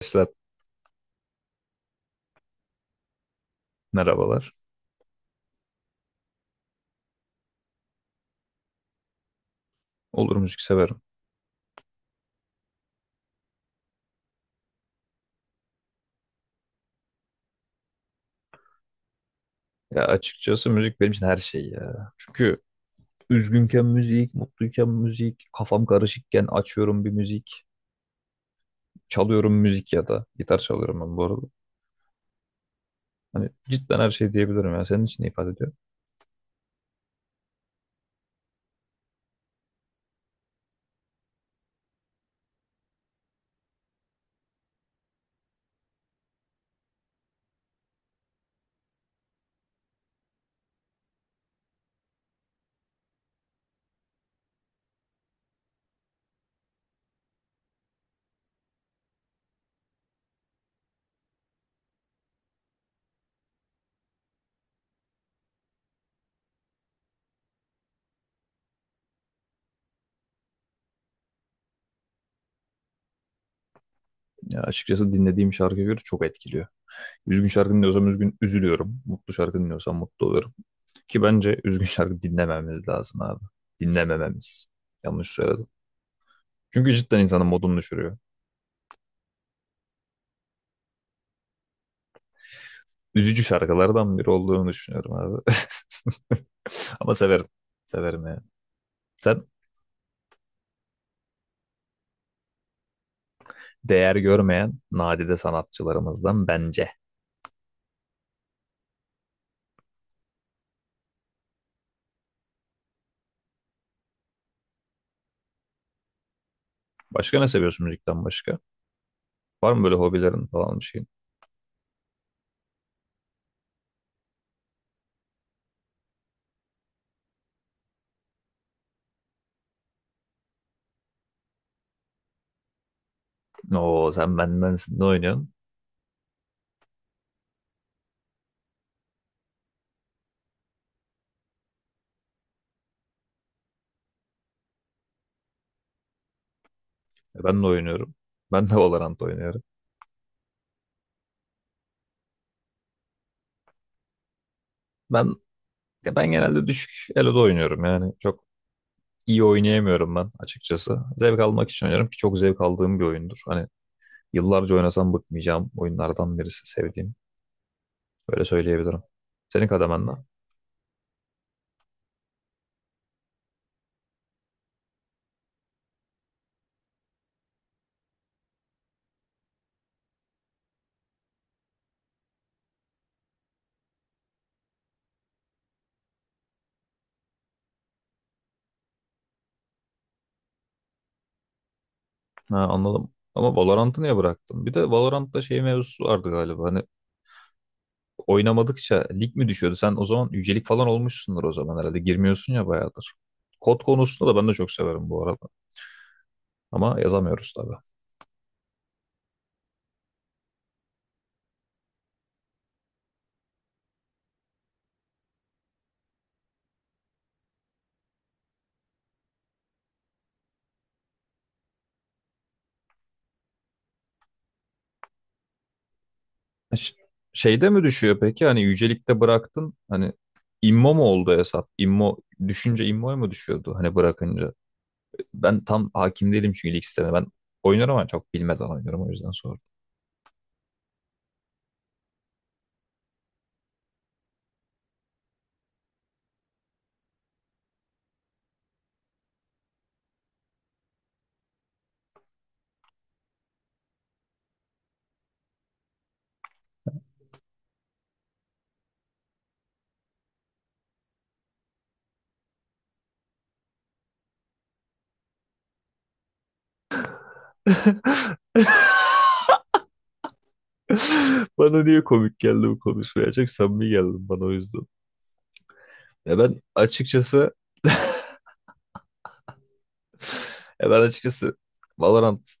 Arkadaşlar merhabalar. Olur, müzik severim. Ya açıkçası müzik benim için her şey ya. Çünkü üzgünken müzik, mutluyken müzik, kafam karışıkken açıyorum bir müzik, çalıyorum müzik ya da gitar çalıyorum ben bu arada. Hani cidden her şey diyebilirim ya. Senin için ne ifade ediyor? Ya açıkçası dinlediğim şarkıya göre çok etkiliyor. Üzgün şarkı dinliyorsam üzgün üzülüyorum. Mutlu şarkı dinliyorsam mutlu oluyorum. Ki bence üzgün şarkı dinlememiz lazım abi. Dinlemememiz. Yanlış söyledim. Çünkü cidden insanın modunu düşürüyor. Üzücü şarkılardan biri olduğunu düşünüyorum abi. Ama severim. Severim yani. Sen değer görmeyen nadide sanatçılarımızdan bence. Başka ne seviyorsun müzikten başka? Var mı böyle hobilerin falan bir şeyin? Oo, sen bendensin. Ne oynuyorsun? Ben de oynuyorum. Ben de Valorant oynuyorum. Ben ya ben genelde düşük elo'da oynuyorum yani. Çok iyi oynayamıyorum ben açıkçası. Zevk almak için oynuyorum ki çok zevk aldığım bir oyundur. Hani yıllarca oynasam bıkmayacağım oyunlardan birisi sevdiğim. Böyle söyleyebilirim. Senin kademen ne? Ha, anladım. Ama Valorant'ı niye bıraktın? Bir de Valorant'ta şey mevzusu vardı galiba. Hani oynamadıkça lig mi düşüyordu? Sen o zaman yücelik falan olmuşsundur o zaman herhalde. Girmiyorsun ya bayağıdır. Kod konusunda da ben de çok severim bu arada. Ama yazamıyoruz tabii. Ha, Şeyde mi düşüyor peki? Hani yücelikte bıraktın. Hani immo mu oldu hesap? İmmo düşünce immoya mı düşüyordu? Hani bırakınca. Ben tam hakim değilim çünkü lig sistemine. Ben oynuyorum ama çok bilmeden oynuyorum, o yüzden sordum. Bana niye komik geldi bu konuşmaya? Çok samimi geldi bana, o yüzden. Ya ben açıkçası ya ben açıkçası Valorant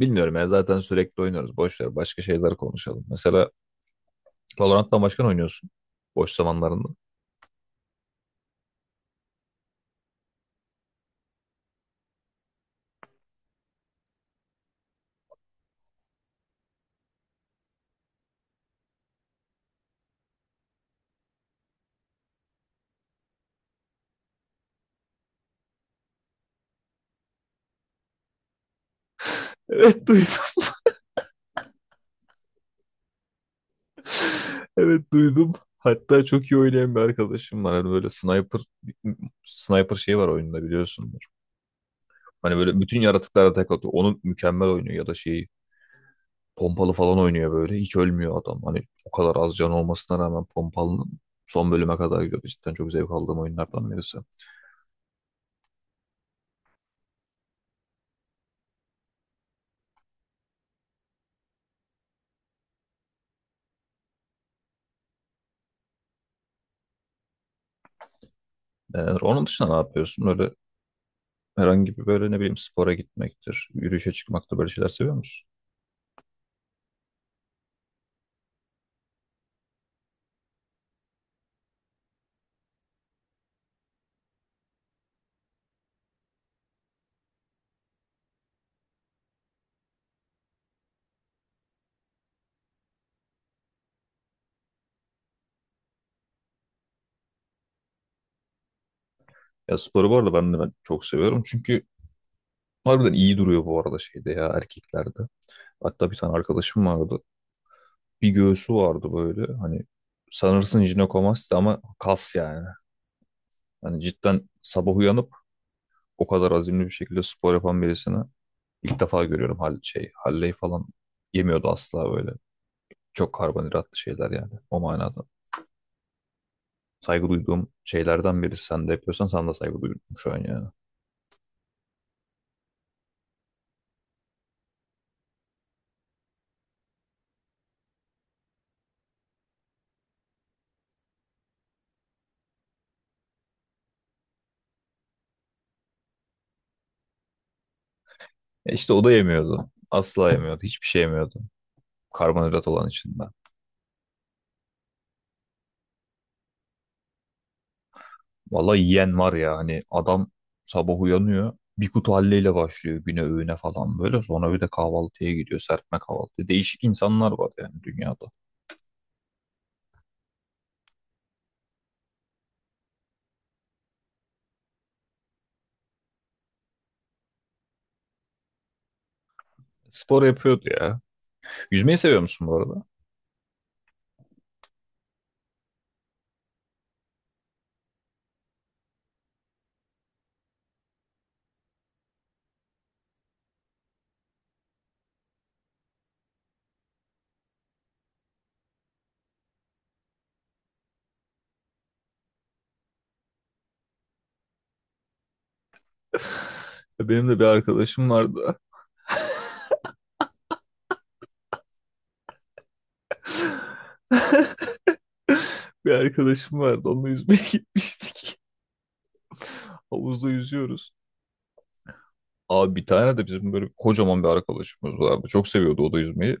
bilmiyorum ya, zaten sürekli oynuyoruz. Boş ver, başka şeyler konuşalım. Mesela Valorant'tan başka ne oynuyorsun boş zamanlarında? Evet, duydum. Evet, duydum. Hatta çok iyi oynayan bir arkadaşım var. Hani böyle sniper şeyi var oyunda biliyorsun. Hani böyle bütün yaratıklara tek atıyor. Onu mükemmel oynuyor ya da şeyi, pompalı falan oynuyor böyle. Hiç ölmüyor adam. Hani o kadar az can olmasına rağmen pompalının son bölüme kadar gidiyordu. Cidden çok zevk aldığım oyunlardan birisi. Onun dışında ne yapıyorsun? Öyle herhangi bir böyle, ne bileyim, spora gitmektir, yürüyüşe çıkmaktır, böyle şeyler seviyor musun? Ya sporu bu arada ben çok seviyorum. Çünkü harbiden iyi duruyor bu arada şeyde ya, erkeklerde. Hatta bir tane arkadaşım vardı. Bir göğsü vardı böyle. Hani sanırsın jinekomasti ama kas yani. Hani cidden sabah uyanıp o kadar azimli bir şekilde spor yapan birisini ilk defa görüyorum. Halley falan yemiyordu asla böyle. Çok karbonhidratlı şeyler yani o manada. Saygı duyduğum şeylerden biri. Sen de yapıyorsan sana da saygı duydum şu an yani. E işte o da yemiyordu. Asla yemiyordu. Hiçbir şey yemiyordu. Karbonhidrat olan içinde. Vallahi yiyen var ya, hani adam sabah uyanıyor. Bir kutu halleyle başlıyor güne, öğüne falan böyle. Sonra bir de kahvaltıya gidiyor. Serpme kahvaltı. Değişik insanlar var yani dünyada. Spor yapıyordu ya. Yüzmeyi seviyor musun bu arada? Benim de bir arkadaşım vardı. Bir arkadaşım vardı. Onunla yüzmeye gitmiştik. Havuzda yüzüyoruz. Abi bir tane de bizim böyle kocaman bir arkadaşımız vardı. Çok seviyordu o da yüzmeyi.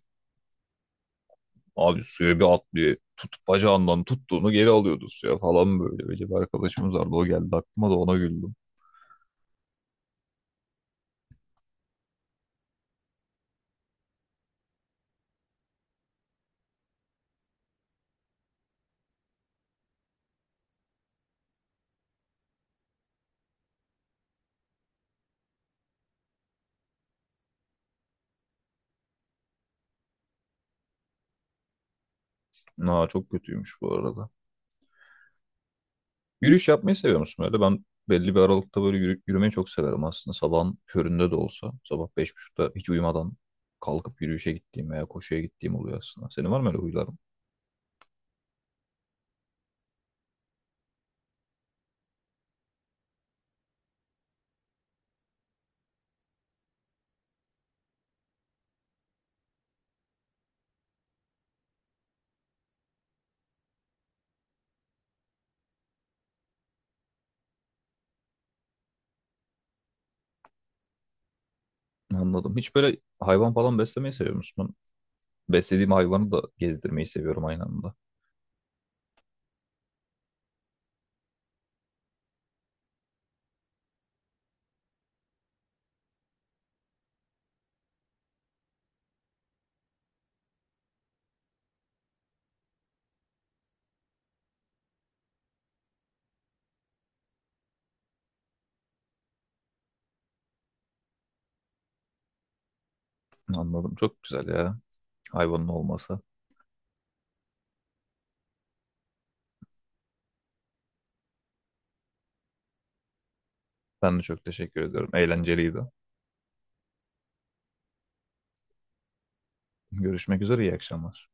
Abi suya bir atlıyor. Tut, bacağından tuttuğunu geri alıyordu suya falan böyle. Böyle bir arkadaşımız vardı. O geldi aklıma, da ona güldüm. Aa, çok kötüymüş bu arada. Yürüyüş yapmayı seviyor musun öyle? Ben belli bir aralıkta böyle yürümeyi çok severim aslında. Sabahın köründe de olsa. Sabah 5.30'da hiç uyumadan kalkıp yürüyüşe gittiğim veya koşuya gittiğim oluyor aslında. Senin var mı öyle huyların? Anladım. Hiç böyle hayvan falan beslemeyi seviyor musun? Ben beslediğim hayvanı da gezdirmeyi seviyorum aynı anda. Anladım. Çok güzel ya, hayvanın olması. Ben de çok teşekkür ediyorum. Eğlenceliydi. Görüşmek üzere. İyi akşamlar.